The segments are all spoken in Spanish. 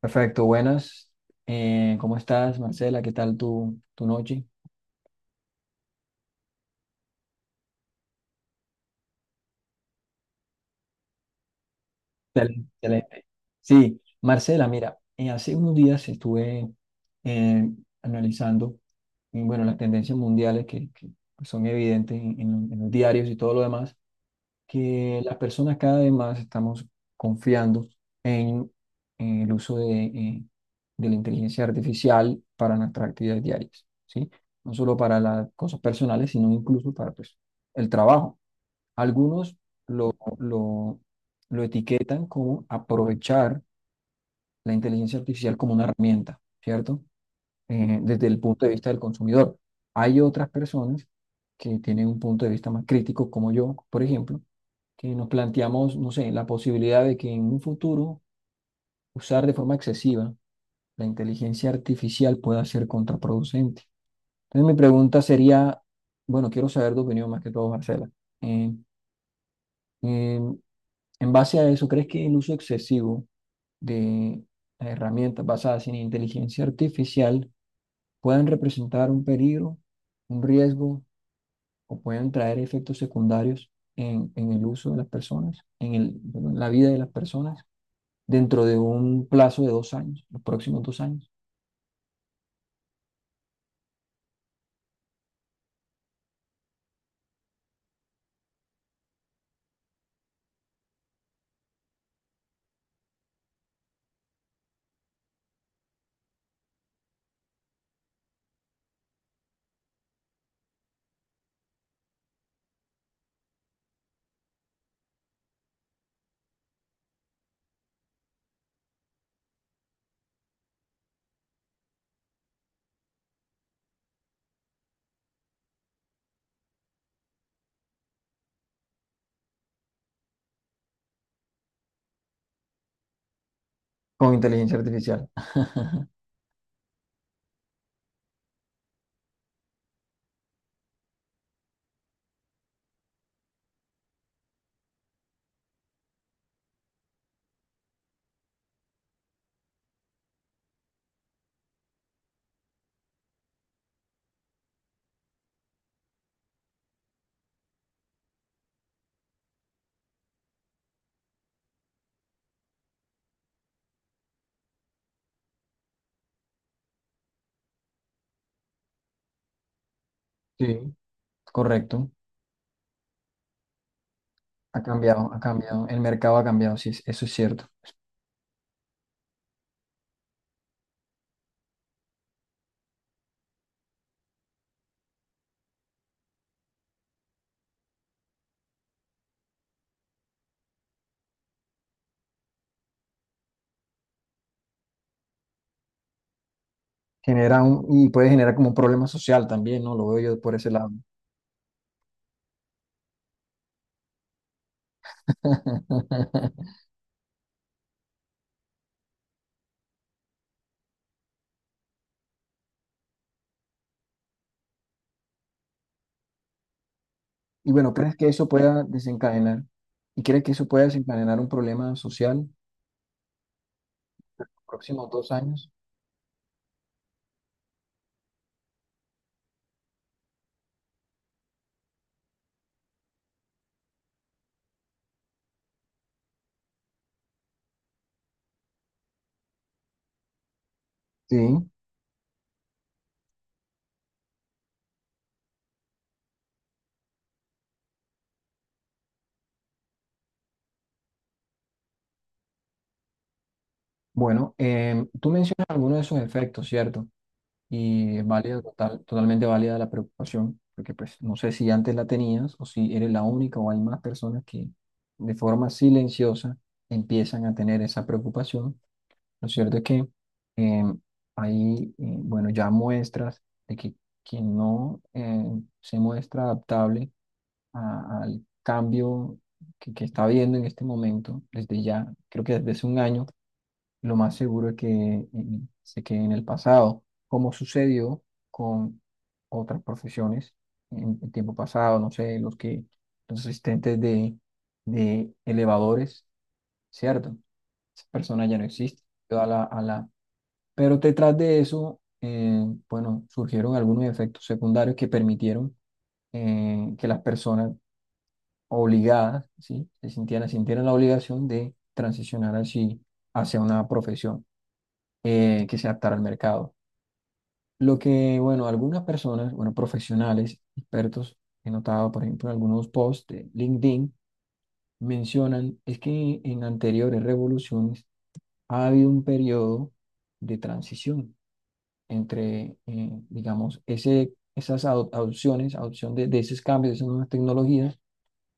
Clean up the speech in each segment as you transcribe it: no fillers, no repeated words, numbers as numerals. Perfecto, buenas. ¿Cómo estás, Marcela? ¿Qué tal tu noche? Excelente, excelente. Sí, Marcela, mira, hace unos días estuve eh, analizando, y bueno, las tendencias mundiales que pues, son evidentes en los diarios y todo lo demás, que las personas cada vez más estamos confiando en, en el uso de la inteligencia artificial para nuestras actividades diarias, ¿sí? No solo para las cosas personales, sino incluso para pues, el trabajo. Algunos lo, lo, lo etiquetan como aprovechar la inteligencia artificial como una herramienta, ¿cierto? Desde el punto de vista del consumidor. Hay otras personas que tienen un punto de vista más crítico, como yo, por ejemplo, que nos planteamos, no sé, la posibilidad de que en un futuro usar de forma excesiva la inteligencia artificial pueda ser contraproducente. Entonces mi pregunta sería, bueno, quiero saber tu opinión más que todo, Marcela. Eh, eh, en base a eso, ¿crees que el uso excesivo de herramientas basadas en inteligencia artificial puedan representar un peligro, un riesgo o pueden traer efectos secundarios en el uso de las personas, en la vida de las personas, dentro de un plazo de dos años, los próximos dos años, con inteligencia artificial? Sí, correcto. Ha cambiado, ha cambiado. El mercado ha cambiado, sí, eso es cierto. Genera un, y puede generar como un problema social también, ¿no? Lo veo yo por ese lado. Y bueno, ¿crees que eso pueda desencadenar? ¿Y crees que eso pueda desencadenar un problema social próximos dos años? Sí. Bueno, tú mencionas algunos de esos efectos, ¿cierto? Y es válida, totalmente válida la preocupación, porque pues no sé si antes la tenías o si eres la única o hay más personas que de forma silenciosa empiezan a tener esa preocupación. Lo cierto es que eh, bueno, ya muestras de que quien no se muestra adaptable al cambio que está viendo en este momento, desde ya, creo que desde hace un año, lo más seguro es que se quede en el pasado, como sucedió con otras profesiones en el tiempo pasado, no sé, los asistentes de elevadores, ¿cierto? Esa persona ya no existe. Quedó a la, a la... Pero detrás de eso, bueno, surgieron algunos efectos secundarios que permitieron que las personas obligadas, ¿sí? Sintieran la obligación de transicionar así hacia una profesión que se adaptara al mercado. Lo que, bueno, algunas personas, bueno, profesionales, expertos, he notado, por ejemplo, en algunos posts de LinkedIn, mencionan es que en anteriores revoluciones ha habido un periodo de transición entre, digamos, esas adopciones, adopción de esos cambios, de esas nuevas tecnologías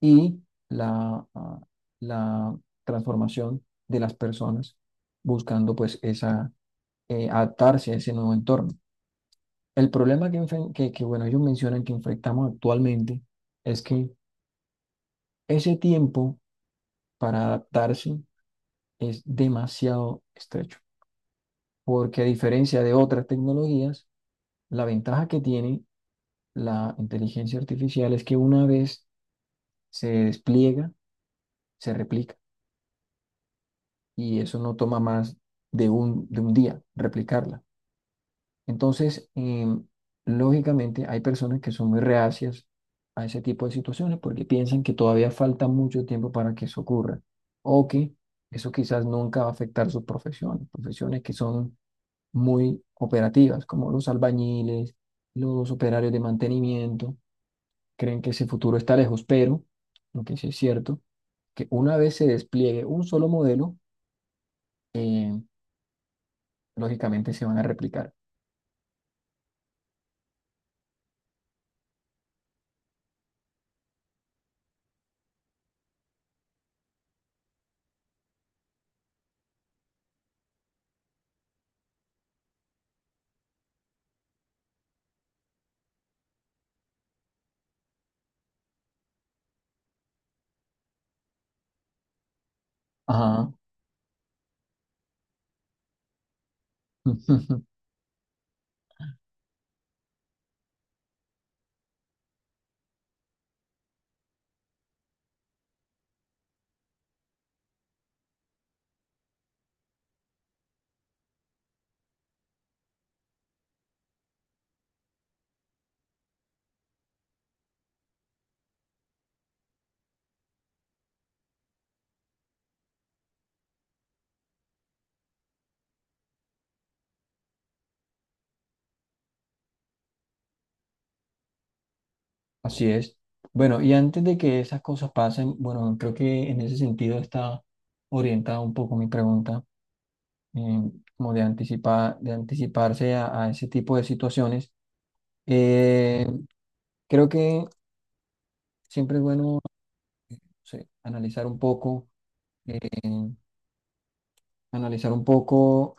y la, ah, la transformación de las personas buscando pues esa, adaptarse a ese nuevo entorno. El problema que, enfren- que, bueno, ellos mencionan que enfrentamos actualmente es que ese tiempo para adaptarse es demasiado estrecho, porque a diferencia de otras tecnologías, la ventaja que tiene la inteligencia artificial es que una vez se despliega, se replica, y eso no toma más de un día replicarla. Entonces, lógicamente, hay personas que son muy reacias a ese tipo de situaciones porque piensan que todavía falta mucho tiempo para que eso ocurra o que eso quizás nunca va a afectar sus profesiones, profesiones que son muy operativas, como los albañiles, los operarios de mantenimiento, creen que ese futuro está lejos, pero lo que sí es cierto, que una vez se despliegue un solo modelo, em, lógicamente se van a replicar. Ajá. Así es. Bueno, y antes de que esas cosas pasen, bueno, creo que en ese sentido está orientada un poco mi pregunta, eh, como de anticipar, de anticiparse a ese tipo de situaciones. Eh, Creo que siempre es bueno, no sé, analizar un poco, eh, analizar un poco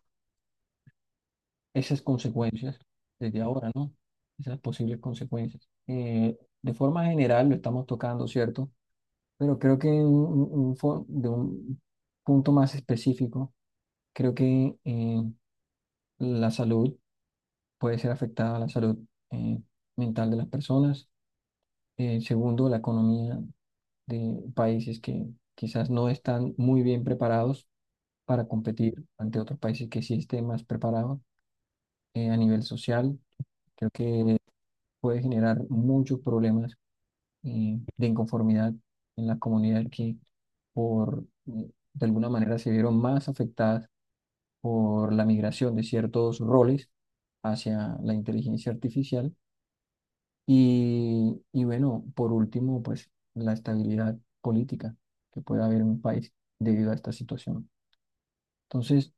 esas consecuencias desde ahora, ¿no? Esas posibles consecuencias. De forma general lo estamos tocando, ¿cierto? Pero creo que en de un punto más específico, creo que la salud puede ser afectada, la salud eh, mental de las personas. Segundo, la economía de países que quizás no están muy bien preparados para competir ante otros países que sí estén más preparados. A nivel social, creo que puede generar muchos problemas de inconformidad en la comunidad que por, de alguna manera se vieron más afectadas por la migración de ciertos roles hacia la inteligencia artificial y bueno, por último, pues la estabilidad política que puede haber en un país debido a esta situación. Entonces,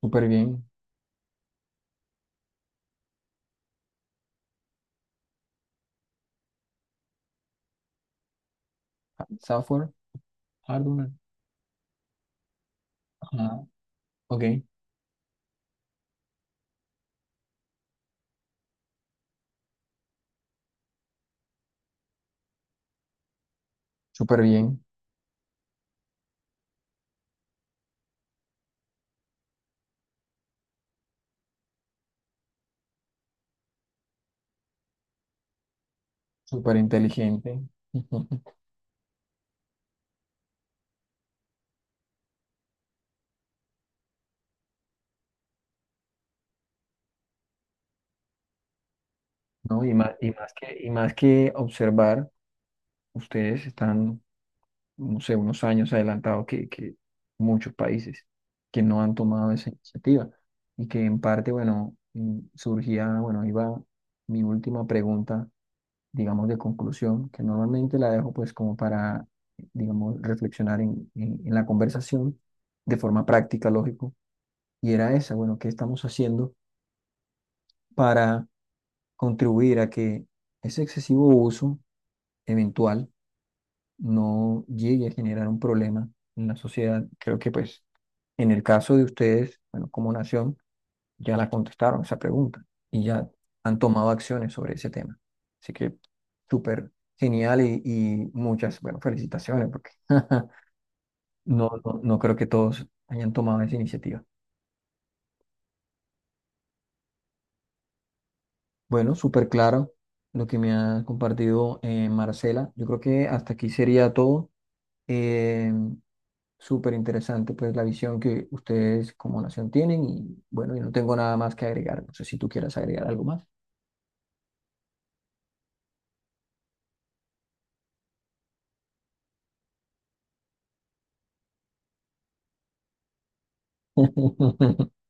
súper bien, ha- software, hardware, ajá, ok, súper bien, súper inteligente. ¿No? Y más, y más que observar. Ustedes están, no sé, unos años adelantados que muchos países que no han tomado esa iniciativa y que en parte, bueno, surgía, bueno, iba mi última pregunta, digamos, de conclusión, que normalmente la dejo pues como para, digamos, reflexionar en, en la conversación de forma práctica, lógico, y era esa, bueno, ¿qué estamos haciendo para contribuir a que ese excesivo uso eventual no llegue a generar un problema en la sociedad? Creo que pues en el caso de ustedes, bueno, como nación, ya la contestaron esa pregunta y ya han tomado acciones sobre ese tema. Así que súper genial y muchas, bueno, felicitaciones porque no, no, no creo que todos hayan tomado esa iniciativa. Bueno, súper claro lo que me ha compartido Marcela. Yo creo que hasta aquí sería todo. Eh, Súper interesante, pues, la visión que ustedes como nación tienen y bueno, yo no tengo nada más que agregar. No sé si tú quieras agregar algo más.